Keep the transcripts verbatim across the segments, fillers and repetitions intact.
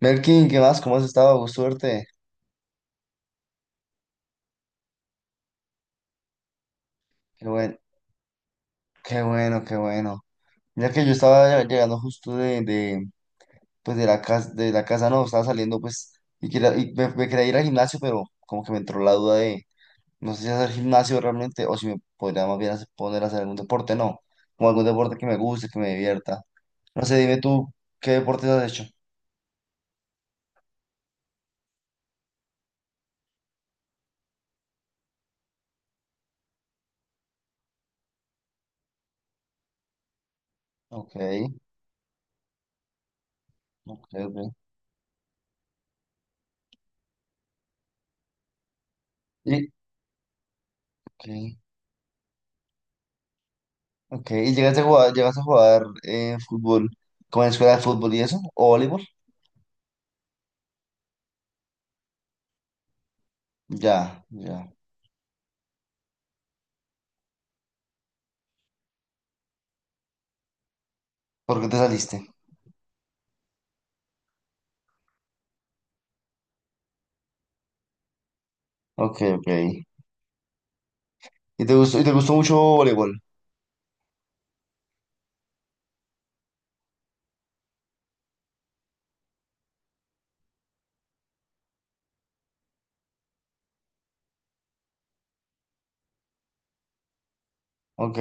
Melkin, ¿qué más? ¿Cómo has estado? Con suerte. Qué bueno, qué bueno, qué bueno. Mira que yo estaba llegando justo de, de, pues de la casa, de la casa no, estaba saliendo pues y, quería- y me, me quería ir al gimnasio, pero como que me entró la duda de no sé si hacer gimnasio realmente o si me podría más bien hacer- poner a hacer algún deporte, no, o algún deporte que me guste, que me divierta. No sé, dime tú, ¿qué deportes has hecho? Ok, ok, ok. Y, okay, okay. ¿Y llegaste a jugar, llegaste a jugar eh, fútbol con la escuela de fútbol y eso? ¿O voleibol? Ya, ya. ¿Por qué te saliste? Ok, ok. ¿Y te gustó, y te gustó mucho voleibol? Ok.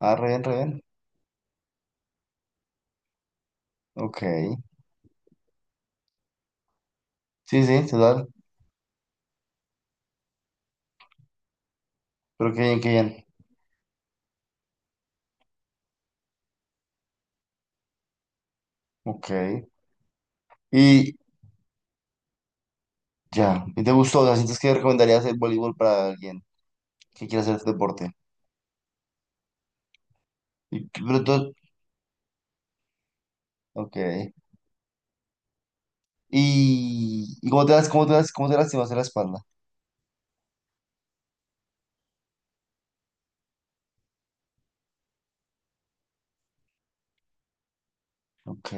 Ah, re bien, re bien. Ok. Sí, sí, sí, total. Pero qué bien, qué bien. Ok. Y ya. ¿Y te gustó? O sea, ¿sientes que recomendarías el voleibol para alguien que quiera hacer este deporte? Y, pero tú- ok. ¿Y, y cómo te das, cómo te das, cómo te lastimas en la espalda? Ok,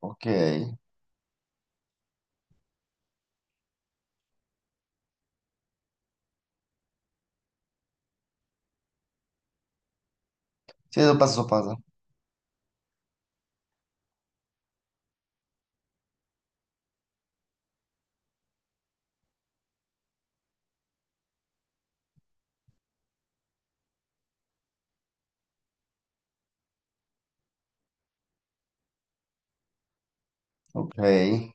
ok. Sí, eso pasa, eso pasa. Ok. Uy,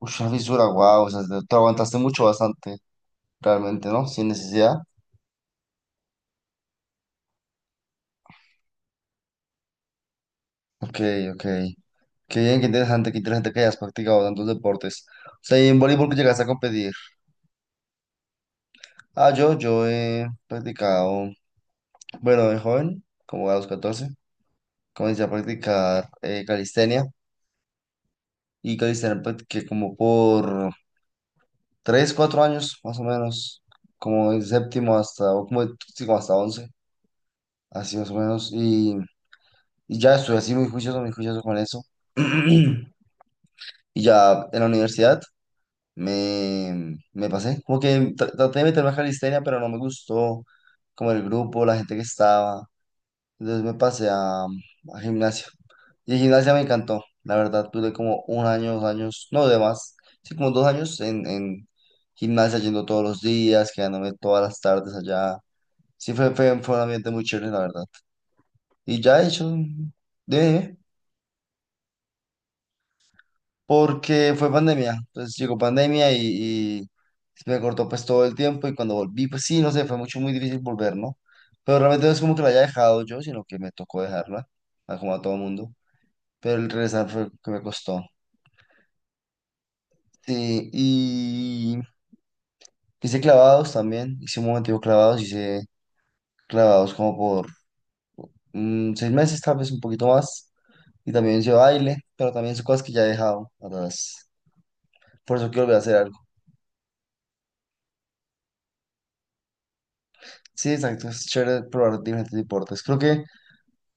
una fisura, wow. O sea, te te aguantaste mucho, bastante. Realmente, ¿no? Sin necesidad. Ok, ok. Qué bien, qué interesante, qué interesante que hayas practicado tantos deportes. O sea, ¿y en voleibol que llegaste a competir? Ah, yo, yo he practicado, bueno, de joven, como a los catorce, comencé a practicar eh, calistenia y calistenia practiqué como por tres, cuatro años, más o menos, como el séptimo hasta, o como, de- sí, hasta once, así más o menos. Y, y ya estuve así muy juicioso, muy juicioso con eso. Y ya en la universidad. Me, me pasé, como que tra- traté de meterme a calistenia, pero no me gustó como el grupo, la gente que estaba. Entonces me pasé a, a gimnasio. Y gimnasia me encantó, la verdad, tuve como un año, dos años, no de más, sí, como dos años en, en gimnasia yendo todos los días, quedándome todas las tardes allá. Sí, fue, fue, fue un ambiente muy chévere, la verdad. Y ya he hecho, dime, dime. Porque fue pandemia. Entonces llegó pandemia y, y se me cortó pues todo el tiempo y cuando volví, pues sí, no sé, fue mucho, muy difícil volver, ¿no? Pero realmente no es como que la haya dejado yo, sino que me tocó dejarla, a- como a todo mundo. Pero el regresar fue que me costó. Sí, y hice clavados también, hice un momentico clavados, hice clavados como por mm, seis meses, tal vez un poquito más. Y también hice baile, pero también son cosas que ya he dejado atrás. Por eso quiero volver a hacer algo. Sí, exacto, es chévere probar diferentes deportes. Creo que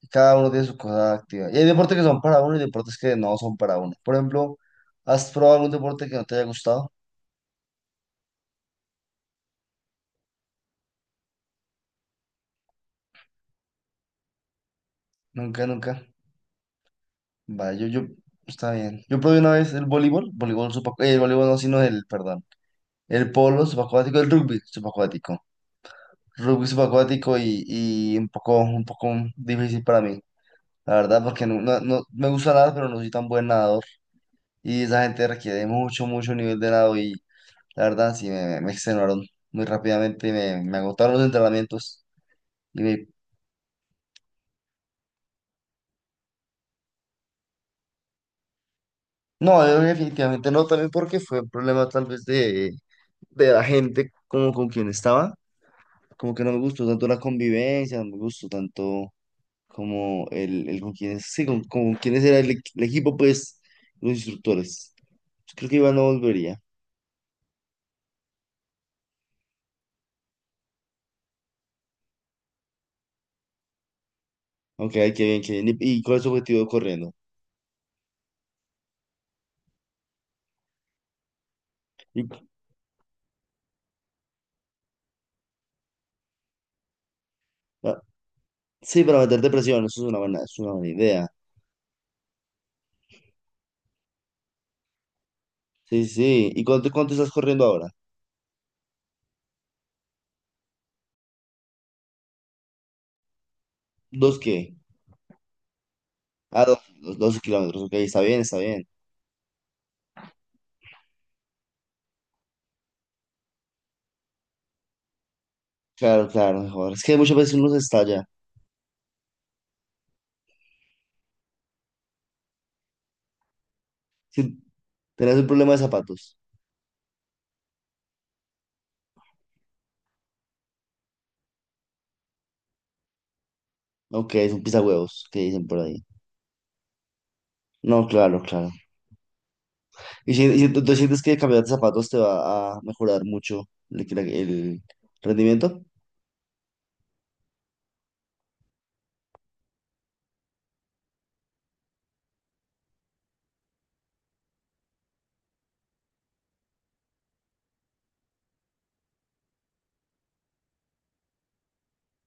y cada uno tiene su cosa activa. Y hay deportes que son para uno y deportes que no son para uno. Por ejemplo, ¿has probado algún deporte que no te haya gustado? Nunca, nunca. Vale, yo, yo, está bien. Yo probé una vez el voleibol, voleibol subac- eh, el voleibol no, sino el, perdón, el polo subacuático, el rugby subacuático. Rugby subacuático y, y un poco, un poco difícil para mí, la verdad, porque no, no, no- me gusta nada, pero no soy tan buen nadador. Y esa gente requiere mucho, mucho nivel de nado. La verdad, sí, me, me extenuaron muy rápidamente y me, me agotaron los entrenamientos. Y me- no, yo definitivamente no, también porque fue un problema tal vez de, de la gente como con quien estaba. Como que no me gustó tanto la convivencia, no me gustó tanto como el, el con quienes, sí, con, con quienes era el, equ- el equipo, pues, los instructores. Yo creo que Iván no volvería. Ok, ay, qué bien, qué bien. ¿Y, y cuál es su objetivo corriendo? Y- ah, sí, para meter depresión, eso es una buena, es una buena idea. Sí, sí, sí, ¿Y cuánto, cuánto estás corriendo ahora? ¿Dos qué? Ah, dos, dos- 12 kilómetros, ok, está bien, está bien. Claro, claro, mejor. Es que muchas veces uno se estalla. Si tenés un problema de zapatos, ok, es un pisahuevos, que dicen por ahí. No, claro, claro. Y si, y si tú tú sientes que cambiar de zapatos te va a mejorar mucho el, el rendimiento,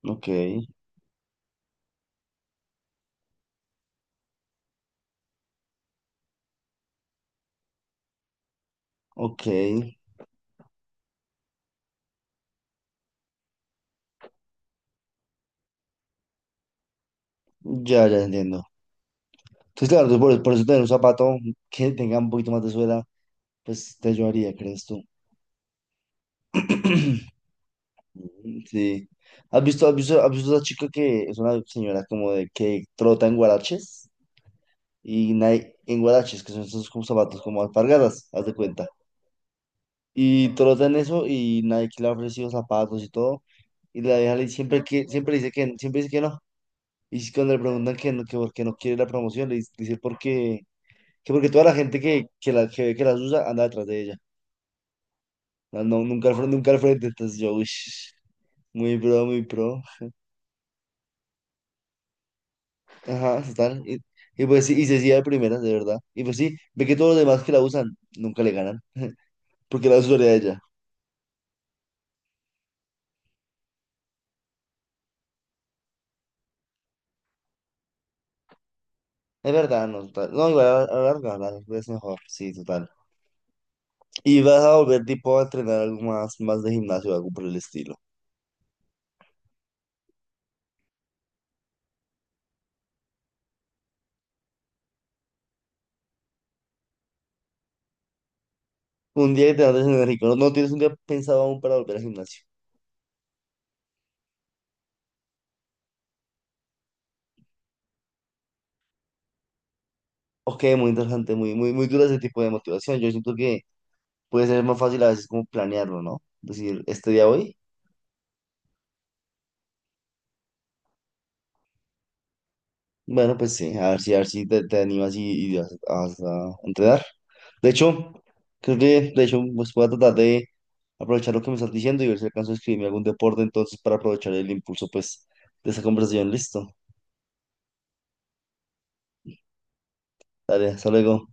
ok, ok, ya, ya entiendo. Entonces, claro, tú por, por eso tener un zapato que tenga un poquito más de suela, pues te ayudaría, ¿crees tú? Sí. ¿Has visto, has visto, has visto a esa chica que es una señora como de que trota en guaraches? Y nadie, en guaraches, que son esos como zapatos como alpargatas, haz de cuenta. Y trota en eso y Nike le ha ofrecido zapatos y todo. Y la deja siempre que, siempre dice que, siempre dice que no. Y si cuando le preguntan que no, que porque no quiere la promoción, le dice, dice porque, que porque toda la gente que, que, la, que ve que las usa anda detrás de ella. No, no, nunca al frente, nunca al frente. Entonces yo, uish, muy pro, muy pro. Ajá, total. Y, y pues sí, y se hacía de primeras, de verdad. Y pues sí, ve que todos los demás que la usan nunca le ganan, porque la usuaria de ella. Es verdad, no, total. No, igual a la larga, a la larga es mejor, sí, total. Y vas a volver tipo a entrenar algo más, más de gimnasio o algo por el estilo. Un día que te andes enérgico, no, no tienes un día pensado aún para volver al gimnasio. Ok, muy interesante, muy, muy, muy dura ese tipo de motivación. Yo siento que puede ser más fácil a veces como planearlo, ¿no? Decir, este día voy. Bueno, pues sí, a ver si, a ver si te, te animas y, y vas, vas a entrenar. De hecho, creo que, de hecho, pues voy a tratar de aprovechar lo que me estás diciendo y ver si alcanzo a escribirme algún deporte entonces para aprovechar el impulso, pues, de esa conversación. Listo. Dale, hasta luego.